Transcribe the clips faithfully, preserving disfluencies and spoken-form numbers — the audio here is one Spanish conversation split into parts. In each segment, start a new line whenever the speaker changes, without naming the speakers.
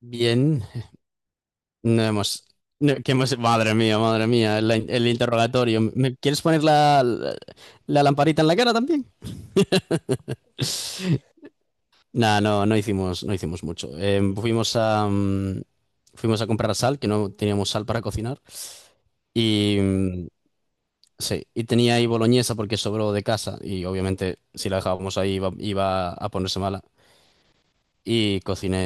Bien, no hemos, no, que hemos, madre mía, madre mía, la in- el, interrogatorio. ¿Me quieres poner la, la, la lamparita en la cara también? Nah, no, no hicimos, no hicimos mucho. Eh, fuimos a, mm, fuimos a comprar sal, que no teníamos sal para cocinar. Y mm, sí, y tenía ahí boloñesa porque sobró de casa y obviamente si la dejábamos ahí iba, iba a ponerse mala. Y cociné,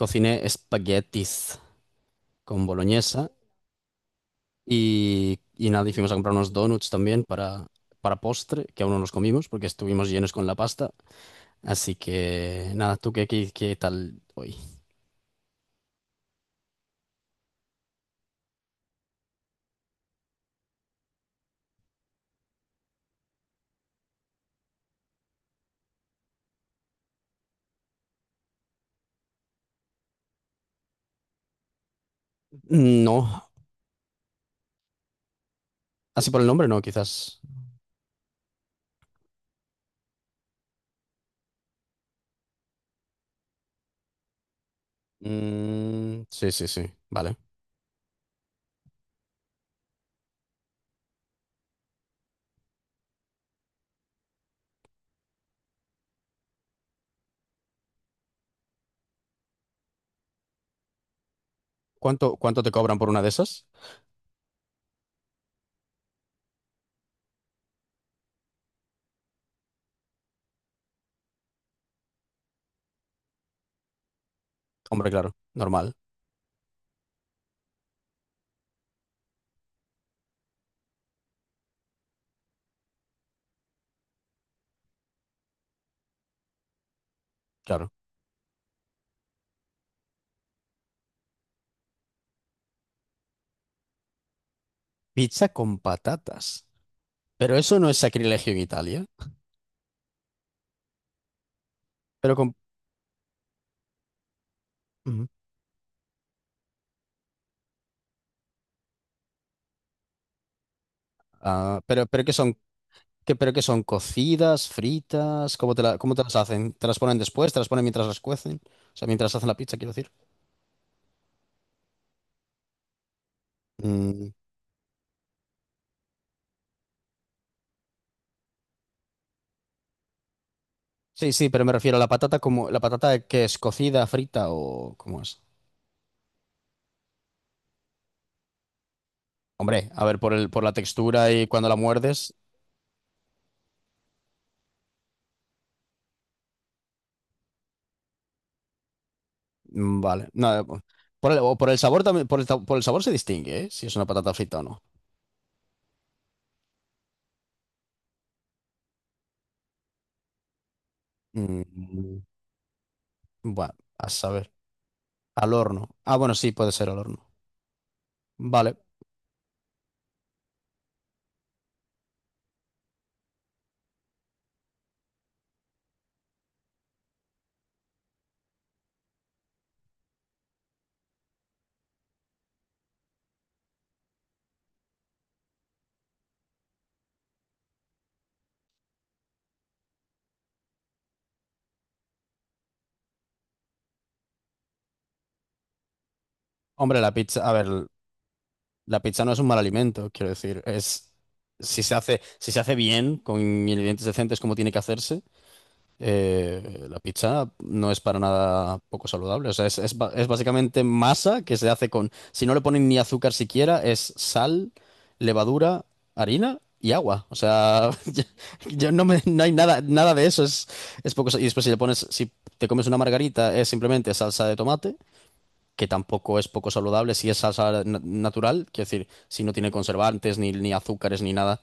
Cociné espaguetis con boloñesa. Y, y nada, Y fuimos a comprar unos donuts también para, para postre, que aún no los comimos porque estuvimos llenos con la pasta. Así que nada, ¿tú qué, qué, qué tal hoy? No, así por el nombre, no, quizás. Mm, sí, sí, sí, vale. ¿Cuánto, cuánto te cobran por una de esas? Hombre, claro, normal, claro. Pizza con patatas. Pero eso no es sacrilegio en Italia. Pero con... Ujú. Ah, pero, pero que son ¿Qué, pero qué son? ¿Cocidas? ¿Fritas? ¿Cómo te la- cómo te las hacen? ¿Te las ponen después? ¿Te las ponen mientras las cuecen? O sea, mientras hacen la pizza, quiero decir. Mm, sí, sí, pero me refiero a la patata como... ¿La patata que es cocida, frita o cómo es? Hombre, a ver, por el, por la textura y cuando la muerdes... mm, Vale. Nada, po- Por el, o por el sabor también... Por el, ta- por el sabor se distingue, ¿eh? Si es una patata frita o no. Mm, bueno, a saber. Al horno. Ah, bueno, sí, puede ser al horno. Vale. Hombre, la pizza... A ver. La pizza no es un mal alimento, quiero decir, es si se hace, si se hace bien, con ingredientes decentes como tiene que hacerse, eh, la pizza no es para nada poco saludable. O sea, es, es ba- es básicamente masa que se hace con, si no le ponen ni azúcar siquiera, es sal, levadura, harina y agua. O sea, yo, yo no me, no hay nada, nada de eso, es, es poco. sa- Y después si le pones, si te comes una margarita, es simplemente salsa de tomate que tampoco es poco saludable, si es salsa na- natural, quiero decir, si no tiene conservantes, ni, ni azúcares, ni nada,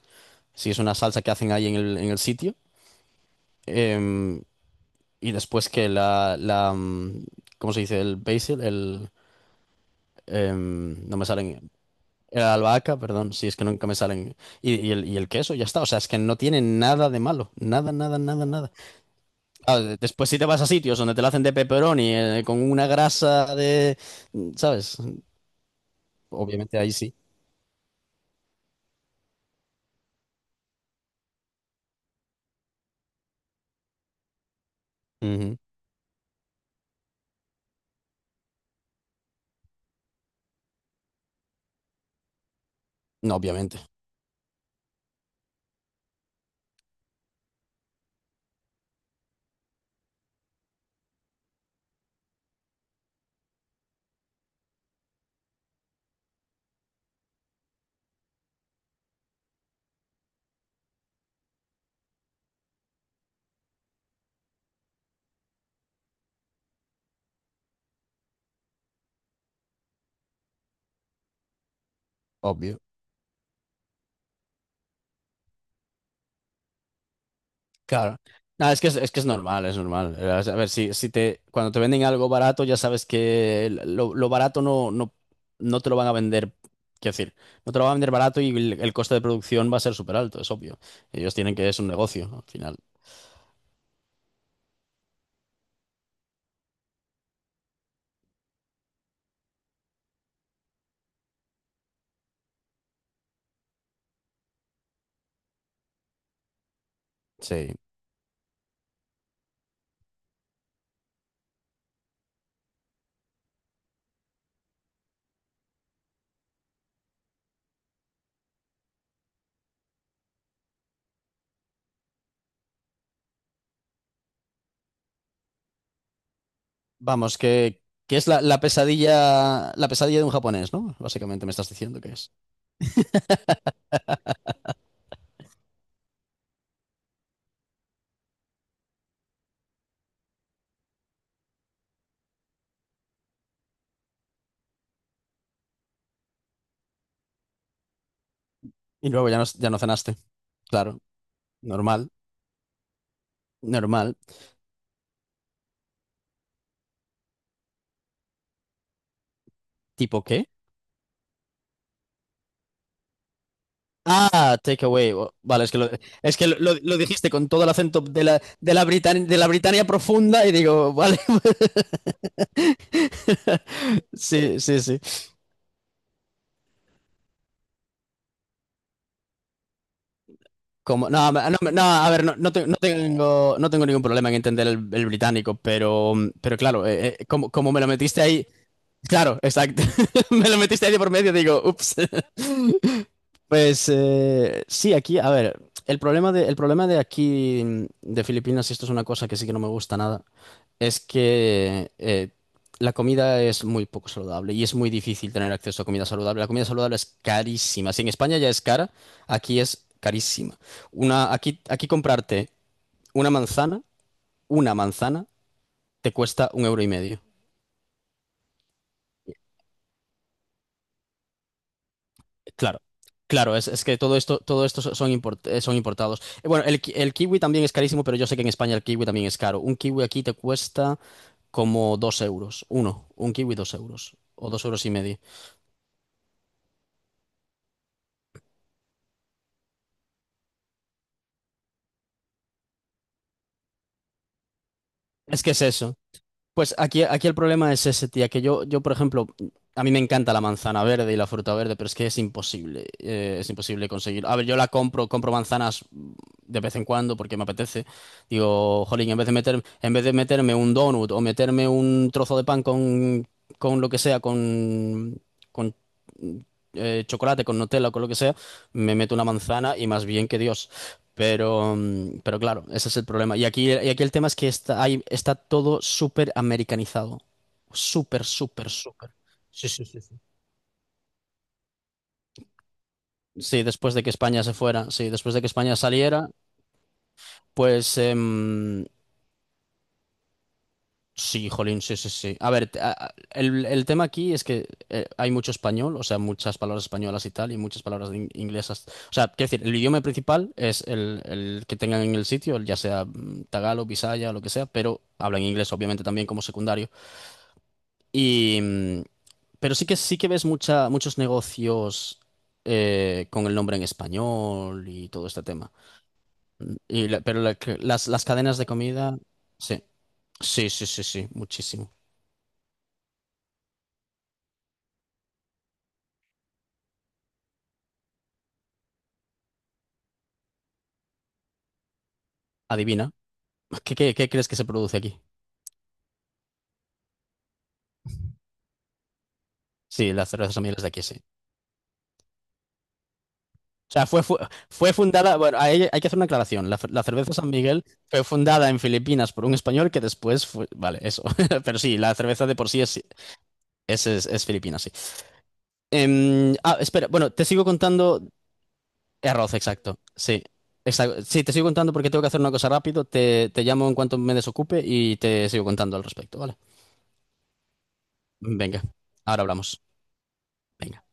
si es una salsa que hacen ahí en el, en el sitio. Em, y después que la, la, mm, ¿cómo se dice? El basil, el, em, no me salen, eh, La albahaca, perdón, si es que nunca me salen, y, y el, y el queso, ya está, o sea, es que no tiene nada de malo, nada, nada, nada, nada. Ah, de- después si te vas a sitios donde te la hacen de pepperoni, eh, con una grasa de, ¿sabes? Obviamente ahí sí. Ujú. No, obviamente, obvio. Claro. No, es que es, es que es normal, es normal. Eh, A ver, si, si te, cuando te venden algo barato, ya sabes que lo, lo barato no, no, no te lo van a vender. Quiero decir, no te lo van a vender barato y el, el coste de producción va a ser súper alto, es obvio. Ellos tienen que, es un negocio, ¿no? Al final. Sí. Vamos, que, que es la, la pesadilla, la pesadilla de un japonés, ¿no? Básicamente me estás diciendo que es. Y luego ya no, ya no cenaste. Claro, normal, normal. ¿Tipo qué? Ah, take away. O- Vale, es que lo, es que lo, lo- lo dijiste con todo el acento de la, de la, Britan- de la Britania profunda y digo, vale, sí, sí, sí. Como, no, no, no, A ver, no, no te- no tengo, no tengo ningún problema en entender el, el británico, pero, pero claro, eh, eh, como, como me lo metiste ahí, claro, exacto, me lo metiste ahí de por medio, digo, ups. Pues eh, sí, aquí, a ver, el problema de, el problema de aquí, mm, de Filipinas, y esto es una cosa que sí que no me gusta nada, es que eh, la comida es muy poco saludable y es muy difícil tener acceso a comida saludable. La comida saludable es carísima. Si en España ya es cara, aquí es carísima. Una, aquí, aquí comprarte una manzana, una manzana, te cuesta un euro y medio. Claro, claro, es, es que todo esto, todo esto so- son, import- eh, son importados. Eh, Bueno, el, ki- el kiwi también es carísimo, pero yo sé que en España el kiwi también es caro. Un kiwi aquí te cuesta como dos euros, uno, un kiwi dos euros o dos euros y medio. Es que es eso. Pues aquí, aquí el problema es ese, tía, que yo, yo, por ejemplo, a mí me encanta la manzana verde y la fruta verde, pero es que es imposible, eh, es imposible conseguir. A ver, yo la compro, compro manzanas de vez en cuando porque me apetece. Digo, jolín, en vez de meter, en vez de meterme un donut o meterme un trozo de pan con, con lo que sea, con, con eh, chocolate, con Nutella, con lo que sea, me meto una manzana y más bien que Dios. Pero, mm, pero claro, ese es el problema. Y aquí, y aquí el tema es que está, hay- está todo súper americanizado. Súper, súper, súper. Sí, sí, sí, sí. Sí, después de que España se fuera, sí, después de que España saliera, pues em, sí, jolín, sí, sí, sí. A ver, te- a- a- el, el tema aquí es que eh, hay mucho español, o sea, muchas palabras españolas y tal, y muchas palabras in- inglesas. O sea, quiero decir, el idioma principal es el, el que tengan en el sitio, ya sea mm, tagalo, bisaya, lo que sea, pero hablan inglés, obviamente, también como secundario. Y, mm, pero sí que sí que ves mucha, muchos negocios eh, con el nombre en español y todo este tema. Y la- pero la que- las, las cadenas de comida, sí, sí, sí, sí, sí, muchísimo. Adivina, ¿qué, qué, qué crees que se produce aquí? Sí, la cerveza San Miguel es de aquí, sí. O sea, fue, fue, fue fundada, bueno, hay, hay que hacer una aclaración. La, la cerveza San Miguel fue fundada en Filipinas por un español que después fue, vale, eso. Pero sí, la cerveza de por sí es, es, es, es filipina, sí. Em, ah, espera, bueno, te sigo contando. Arroz, exacto. Sí. Exacto. Sí, te sigo contando porque tengo que hacer una cosa rápido. Te, te llamo en cuanto me desocupe y te sigo contando al respecto, ¿vale? Venga, ahora hablamos. Venga.